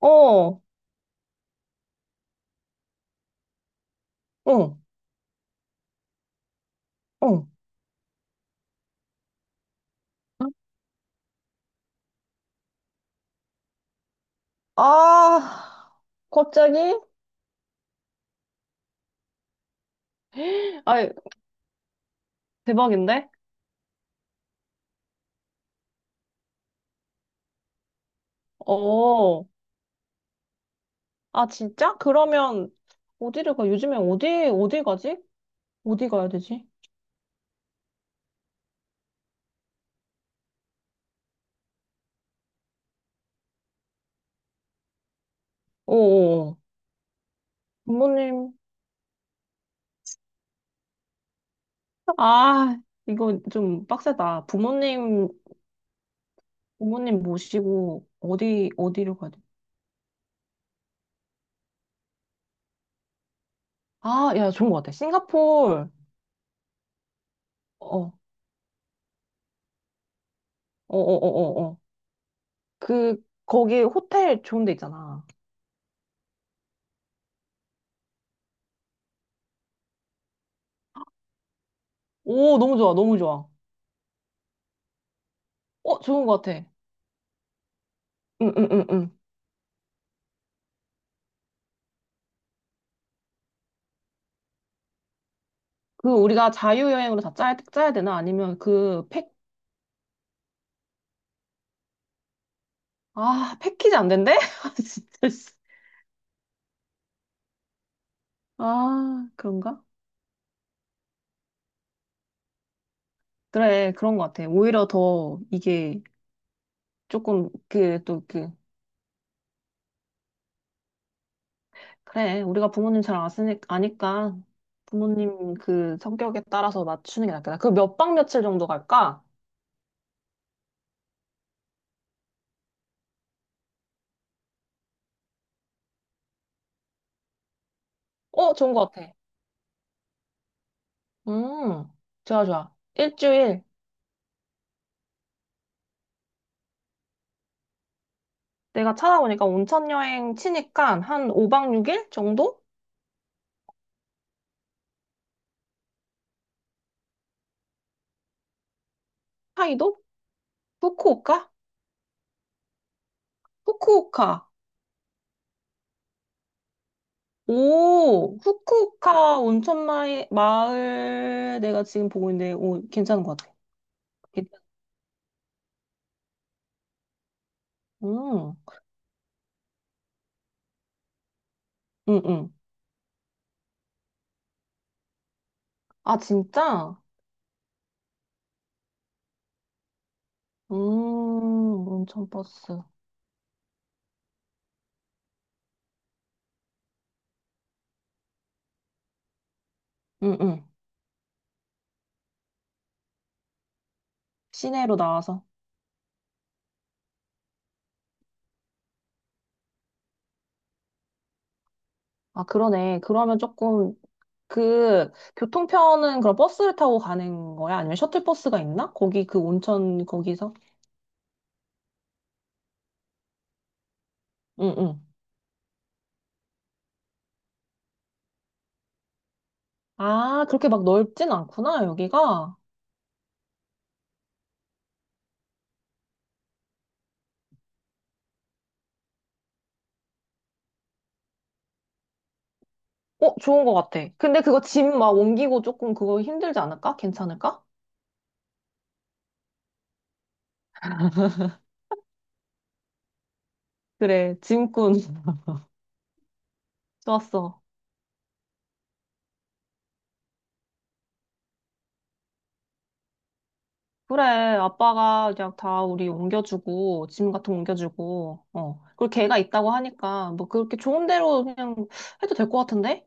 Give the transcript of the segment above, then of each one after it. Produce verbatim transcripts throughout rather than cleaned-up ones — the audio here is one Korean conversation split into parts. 어, 어, 어. 아, 갑자기? 아, 대박인데? 어, 아, 진짜? 그러면, 어디를 가? 요즘에 어디, 어디 가지? 어디 가야 되지? 어, 어, 어. 부모님, 아, 이거 좀 빡세다. 부모님, 부모님 모시고, 어디, 어디를 가야 돼? 아, 야, 좋은 것 같아. 싱가포르, 어, 어, 어, 어, 어, 어. 그, 거기 호텔 좋은 데 있잖아. 오, 너무 좋아, 너무 좋아. 어, 좋은 것 같아. 응, 응, 응, 응. 그 우리가 자유여행으로 다 짜야, 짜야 되나? 아니면 그 팩, 아, 패키지 안 된대? 아, 진짜. 씨. 아, 그런가? 그래, 그런 것 같아. 오히려 더 이게 조금 그, 또 그, 그래, 우리가 부모님 잘 아시니, 아니까 부모님 그 성격에 따라서 맞추는 게 낫겠다. 그 몇 박 며칠 정도 갈까? 어, 좋은 것 같아. 음, 좋아, 좋아. 일주일. 내가 찾아보니까 온천 여행 치니까 한 오 박 육 일 정도? 차이도? 후쿠오카? 후쿠오카. 오, 후쿠오카 온천 마을, 마을 내가 지금 보고 있는데, 오, 괜찮은 것 같아. 괜찮- 음, 응, 응. 아, 진짜? 음, 온천 버스. 응, 응. 시내로 나와서. 아, 그러네. 그러면 조금, 그, 교통편은 그럼 버스를 타고 가는 거야? 아니면 셔틀버스가 있나? 거기 그 온천, 거기서? 응, 응. 아, 그렇게 막 넓진 않구나, 여기가. 어, 좋은 것 같아. 근데 그거 짐 막 옮기고 조금 그거 힘들지 않을까? 괜찮을까? 그래, 짐꾼. 좋았어. 그래, 아빠가 그냥 다 우리 옮겨주고, 짐 같은 거 옮겨주고, 어. 그리고 걔가 있다고 하니까, 뭐 그렇게 좋은 대로 그냥 해도 될 것 같은데?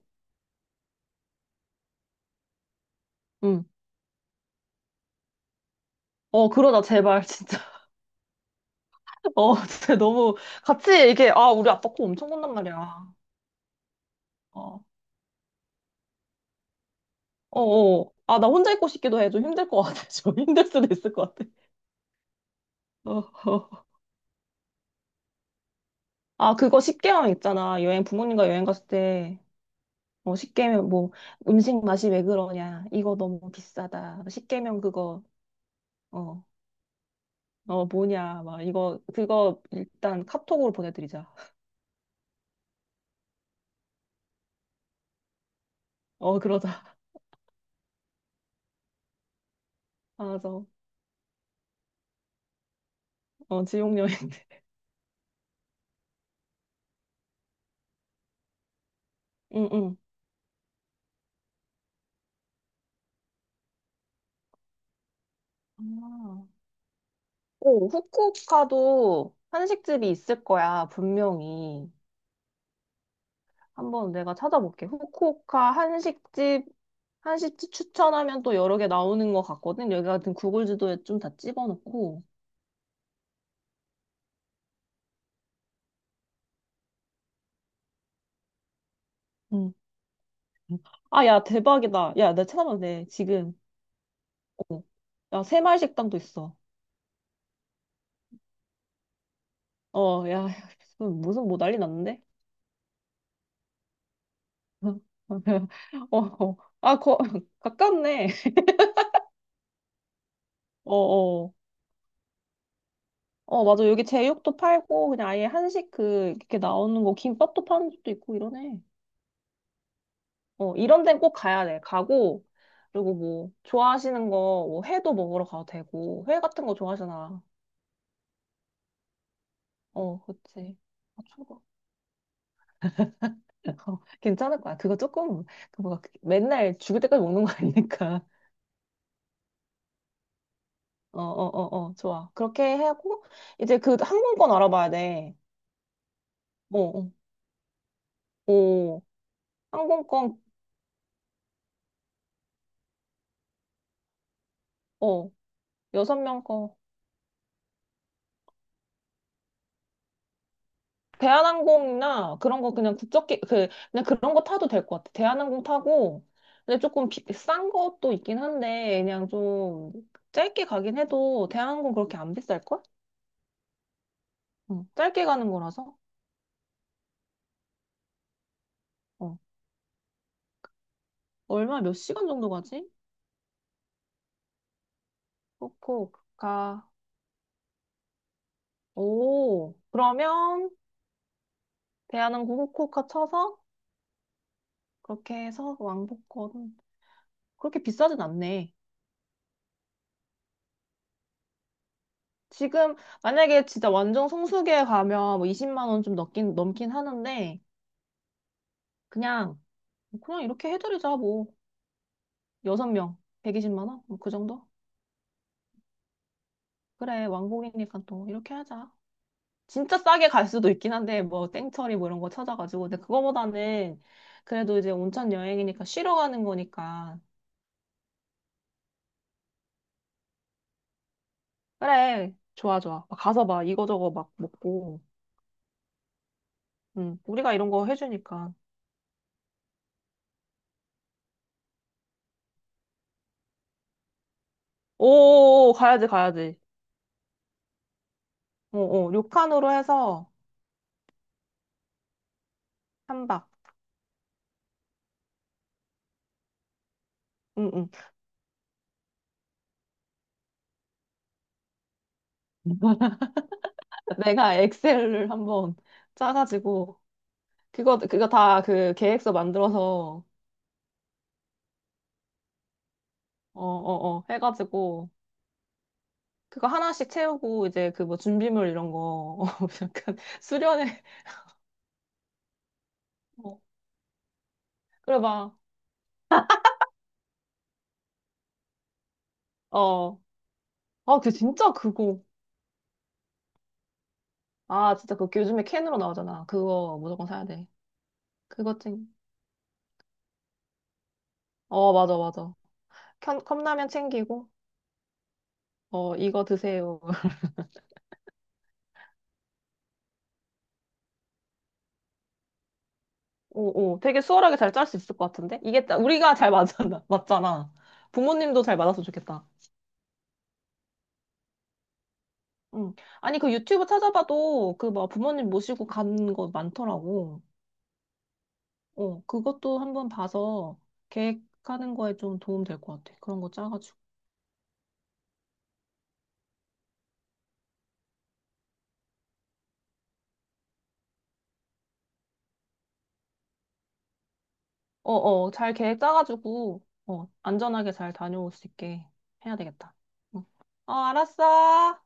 응. 어, 그러자, 제발, 진짜. 어, 진짜 너무, 같이 이게, 아, 우리 아빠 코 엄청 곤단 말이야. 어, 어, 어. 아, 나 혼자 있고 싶기도 해. 좀 힘들 것 같아. 좀 힘들 수도 있을 것 같아. 어, 어. 아, 그거 십계개월 있잖아. 여행, 부모님과 여행 갔을 때, 어, 십공 개면 뭐, 음식 맛이 왜 그러냐. 이거 너무 비싸다. 십계개면 그거, 어, 어, 뭐냐. 막, 이거, 그거 일단 카톡으로 보내드리자. 어, 그러자. 맞아. 어, 지옥 여행들. 응, 응. 아. 오, 후쿠오카도 한식집이 있을 거야, 분명히. 한번 내가 찾아볼게. 후쿠오카 한식집 한시집 추천하면 또 여러 개 나오는 것 같거든. 여기 같은 구글 지도에 좀 다 찍어놓고. 음. 아, 야, 대박이다. 야, 나 찾아봐도 돼, 지금. 어. 야, 새마을식당도 있어. 어, 야, 무슨 뭐 난리 났는데? 어, 어. 아, 거, 가깝네. 어, 어. 어, 맞아. 여기 제육도 팔고, 그냥 아예 한식 그, 이렇게 나오는 거, 김밥도 파는 집도 있고 이러네. 어, 이런 데는 꼭 가야 돼. 가고, 그리고 뭐, 좋아하시는 거, 뭐, 회도 먹으러 가도 되고, 회 같은 거 좋아하잖아. 어, 그치. 아, 초밥. 어, 괜찮을 거야. 그거 조금, 그 뭐가, 그- 맨날 죽을 때까지 먹는 거 아니니까. 어, 어, 어, 어, 좋아. 그렇게 하고, 이제 그 항공권 알아봐야 돼. 어, 어, 어. 항공권, 어, 여섯 명 거. 대한항공이나 그런 거 그냥 국적기 그 그냥 그런 거 타도 될 것 같아. 대한항공 타고 근데 조금 비, 싼 것도 있긴 한데 그냥 좀 짧게 가긴 해도 대한항공 그렇게 안 비쌀 걸? 어, 짧게 가는 거라서 어, 얼마 몇 시간 정도 가지? 후쿠오카 오 그러면 대한항공 후쿠오카 쳐서 그렇게 해서 왕복권 그렇게 비싸진 않네. 지금 만약에 진짜 완전 성수기에 가면 뭐 이십만 원 좀 넘긴 넘긴 하는데. 그냥 뭐 그냥 이렇게 해드리자, 뭐. 여섯 명 백이십만 원? 뭐 그 정도? 그래, 왕복이니까 또 이렇게 하자. 진짜 싸게 갈 수도 있긴 한데, 뭐, 땡처리 뭐 이런 거 찾아가지고. 근데 그거보다는 그래도 이제 온천 여행이니까 쉬러 가는 거니까. 그래, 좋아, 좋아. 막 가서 막 이거저거 막 먹고. 응, 우리가 이런 거 해주니까. 오, 가야지, 가야지. 어, 어, 료칸으로 해서 한 박. 응, 응. 내가 엑셀을 한번 짜가지고 그거, 그거 다 그 계획서 만들어서, 어, 어, 어, 해가지고, 그거 하나씩 채우고, 이제 그 뭐 준비물 이런 거, 어, 약간 수련회, 어, 그래 봐. 어. 아, 그 진짜 그거. 아, 진짜 그거 요즘에 캔으로 나오잖아. 그거 무조건 사야 돼. 그거 챙, 어, 맞아, 맞아. 캔, 컵라면 챙기고, 어, 이거 드세요. 오, 오. 되게 수월하게 잘 짤 수 있을 것 같은데? 이게, 딱 우리가 잘 맞잖아. 맞잖아. 부모님도 잘 맞았으면 좋겠다. 응. 아니, 그 유튜브 찾아봐도 그 뭐 부모님 모시고 간 거 많더라고. 어, 그것도 한번 봐서 계획하는 거에 좀 도움 될 것 같아. 그런 거 짜가지고. 어, 어, 잘 계획 짜가지고, 어, 안전하게 잘 다녀올 수 있게 해야 되겠다. 응. 어, 알았어.